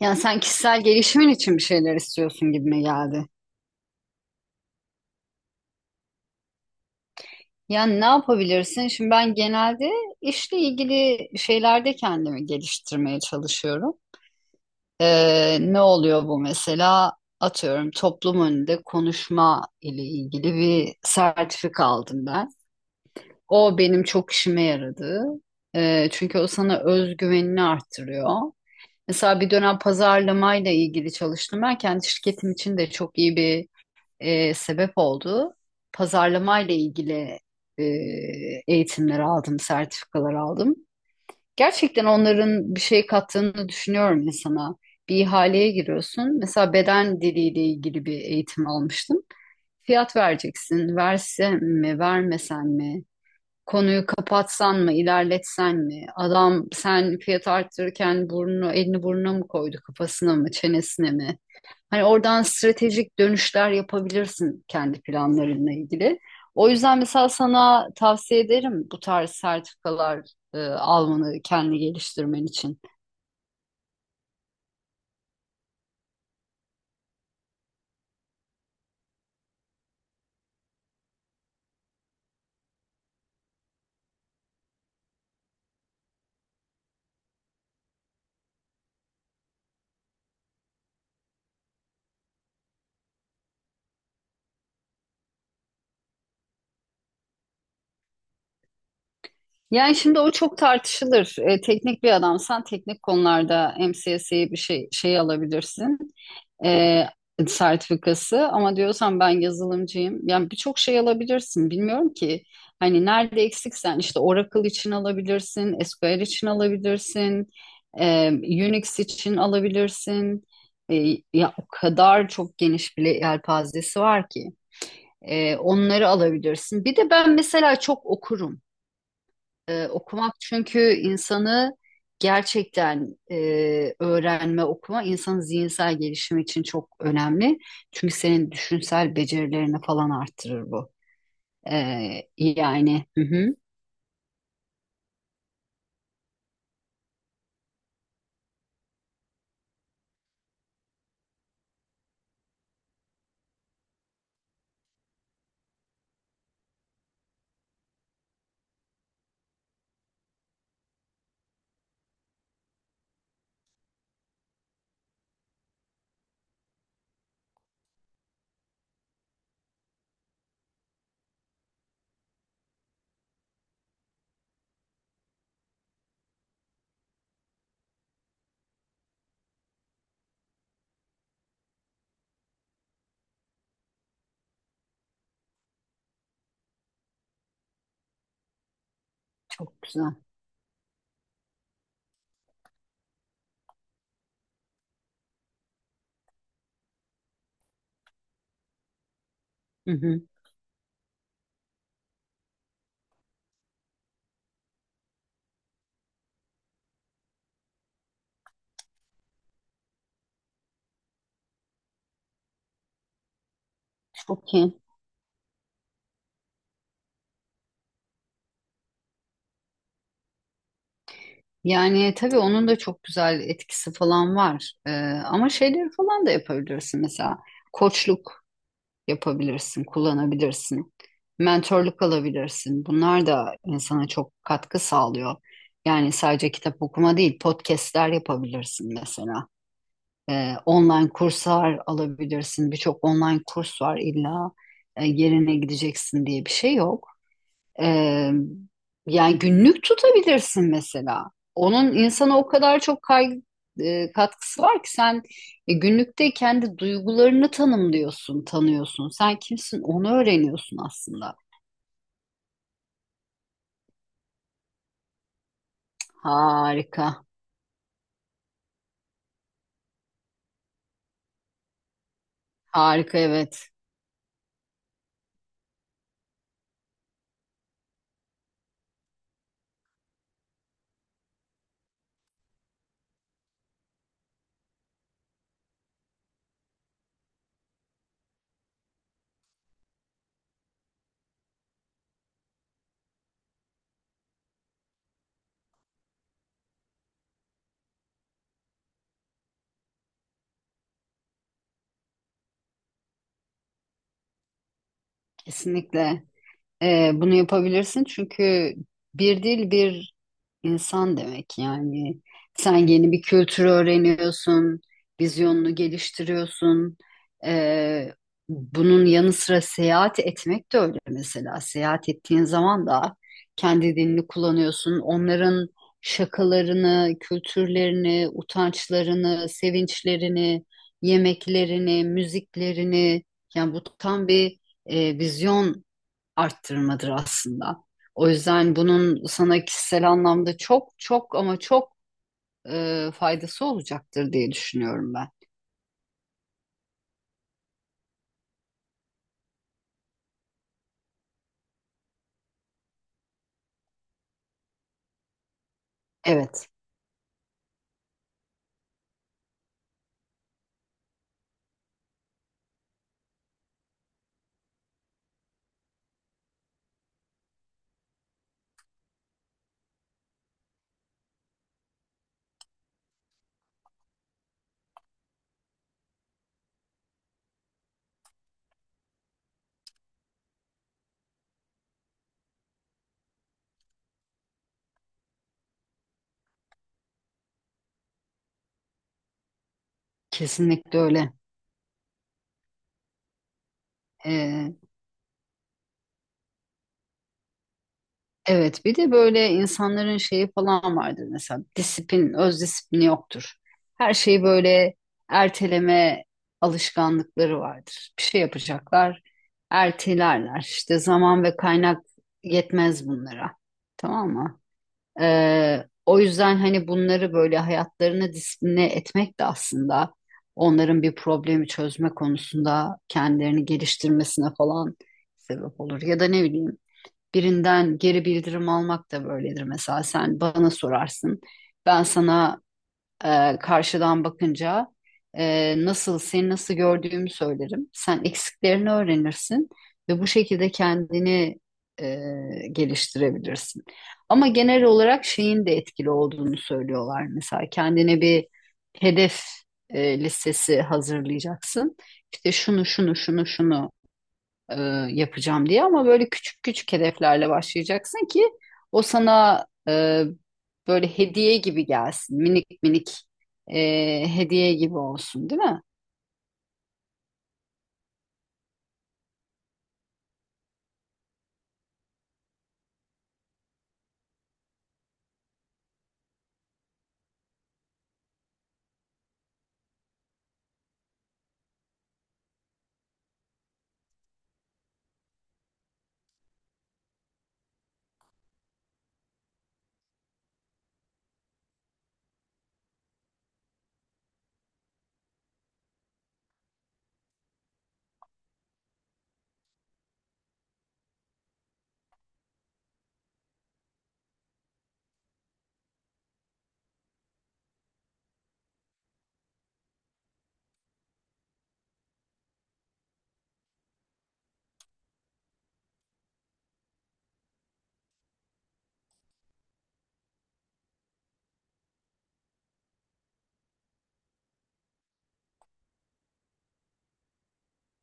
Yani sen kişisel gelişimin için bir şeyler istiyorsun gibime geldi. Yani ne yapabilirsin? Şimdi ben genelde işle ilgili şeylerde kendimi geliştirmeye çalışıyorum. Ne oluyor bu mesela? Atıyorum toplum önünde konuşma ile ilgili bir sertifika aldım ben. O benim çok işime yaradı. Çünkü o sana özgüvenini arttırıyor. Mesela bir dönem pazarlamayla ilgili çalıştım. Ben kendi şirketim için de çok iyi bir sebep oldu. Pazarlamayla ilgili e, eğitimler aldım, sertifikalar aldım. Gerçekten onların bir şey kattığını düşünüyorum insana. Bir ihaleye giriyorsun. Mesela beden diliyle ilgili bir eğitim almıştım. Fiyat vereceksin. Versem mi, vermesen mi? Konuyu kapatsan mı, ilerletsen mi? Adam sen fiyat arttırırken burnunu, elini burnuna mı koydu, kafasına mı, çenesine mi? Hani oradan stratejik dönüşler yapabilirsin kendi planlarınla ilgili. O yüzden mesela sana tavsiye ederim bu tarz sertifikalar almanı kendi geliştirmen için. Yani şimdi o çok tartışılır. E, teknik bir adamsan teknik konularda MCSE bir şey alabilirsin. e, Sertifikası ama diyorsan ben yazılımcıyım. Yani birçok şey alabilirsin. Bilmiyorum ki hani nerede eksiksen işte Oracle için alabilirsin, SQL için alabilirsin, Unix için alabilirsin. E, Ya o kadar çok geniş bir yelpazesi var ki. Onları alabilirsin. Bir de ben mesela çok okurum. Okumak çünkü insanı gerçekten öğrenme, okuma insanın zihinsel gelişimi için çok önemli. Çünkü senin düşünsel becerilerini falan arttırır bu. Hı hı, çok güzel. Hı hı, çok iyi. Yani tabii onun da çok güzel etkisi falan var. Ama şeyleri falan da yapabilirsin mesela. Koçluk yapabilirsin, kullanabilirsin. Mentorluk alabilirsin. Bunlar da insana çok katkı sağlıyor. Yani sadece kitap okuma değil, podcastler yapabilirsin mesela. Online kurslar alabilirsin. Birçok online kurs var illa yerine gideceksin diye bir şey yok. Ee, Yani günlük tutabilirsin mesela. Onun insana o kadar çok katkısı var ki sen günlükte kendi duygularını tanımlıyorsun, tanıyorsun. Sen kimsin onu öğreniyorsun aslında. Harika. Harika evet. Kesinlikle. Bunu yapabilirsin çünkü bir dil bir İnsan demek. Yani sen yeni bir kültürü öğreniyorsun, vizyonunu geliştiriyorsun. Ee, Bunun yanı sıra seyahat etmek de öyle mesela. Seyahat ettiğin zaman da kendi dilini kullanıyorsun. Onların şakalarını, kültürlerini, utançlarını, sevinçlerini, yemeklerini, müziklerini, yani bu tam bir vizyon arttırmadır aslında. O yüzden bunun sana kişisel anlamda çok çok ama çok faydası olacaktır diye düşünüyorum ben. Evet, kesinlikle öyle. E, evet, bir de böyle insanların şeyi falan vardır mesela, disiplin, öz disiplini yoktur. Her şeyi böyle erteleme alışkanlıkları vardır. Bir şey yapacaklar, ertelerler. İşte zaman ve kaynak yetmez bunlara. Tamam mı? O yüzden hani bunları böyle hayatlarını disipline etmek de aslında onların bir problemi çözme konusunda kendilerini geliştirmesine falan sebep olur. Ya da ne bileyim, birinden geri bildirim almak da böyledir. Mesela sen bana sorarsın, ben sana karşıdan bakınca nasıl gördüğümü söylerim. Sen eksiklerini öğrenirsin ve bu şekilde kendini e, geliştirebilirsin. Ama genel olarak şeyin de etkili olduğunu söylüyorlar. Mesela kendine bir hedef listesi hazırlayacaksın. İşte şunu şunu şunu şunu e, yapacağım diye, ama böyle küçük küçük hedeflerle başlayacaksın ki o sana böyle hediye gibi gelsin. Minik minik e, hediye gibi olsun, değil mi?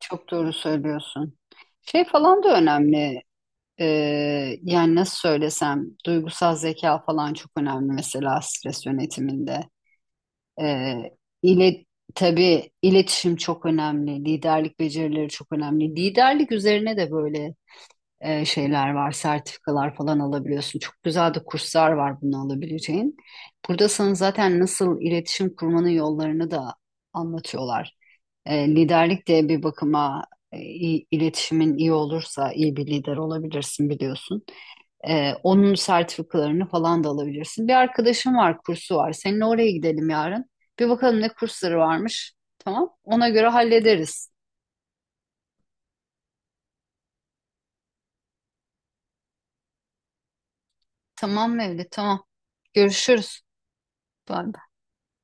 Çok doğru söylüyorsun. Şey falan da önemli. E, Yani nasıl söylesem, duygusal zeka falan çok önemli mesela stres yönetiminde. E, ile Tabii iletişim çok önemli, liderlik becerileri çok önemli. Liderlik üzerine de böyle şeyler var, sertifikalar falan alabiliyorsun. Çok güzel de kurslar var bunu alabileceğin. Burada sana zaten nasıl iletişim kurmanın yollarını da anlatıyorlar. E, liderlik de bir bakıma iletişimin iyi olursa iyi bir lider olabilirsin biliyorsun. Onun sertifikalarını falan da alabilirsin. Bir arkadaşım var, kursu var. Seninle oraya gidelim yarın. Bir bakalım ne kursları varmış. Tamam. Ona göre hallederiz. Tamam Mevlüt, tamam. Görüşürüz. Bye.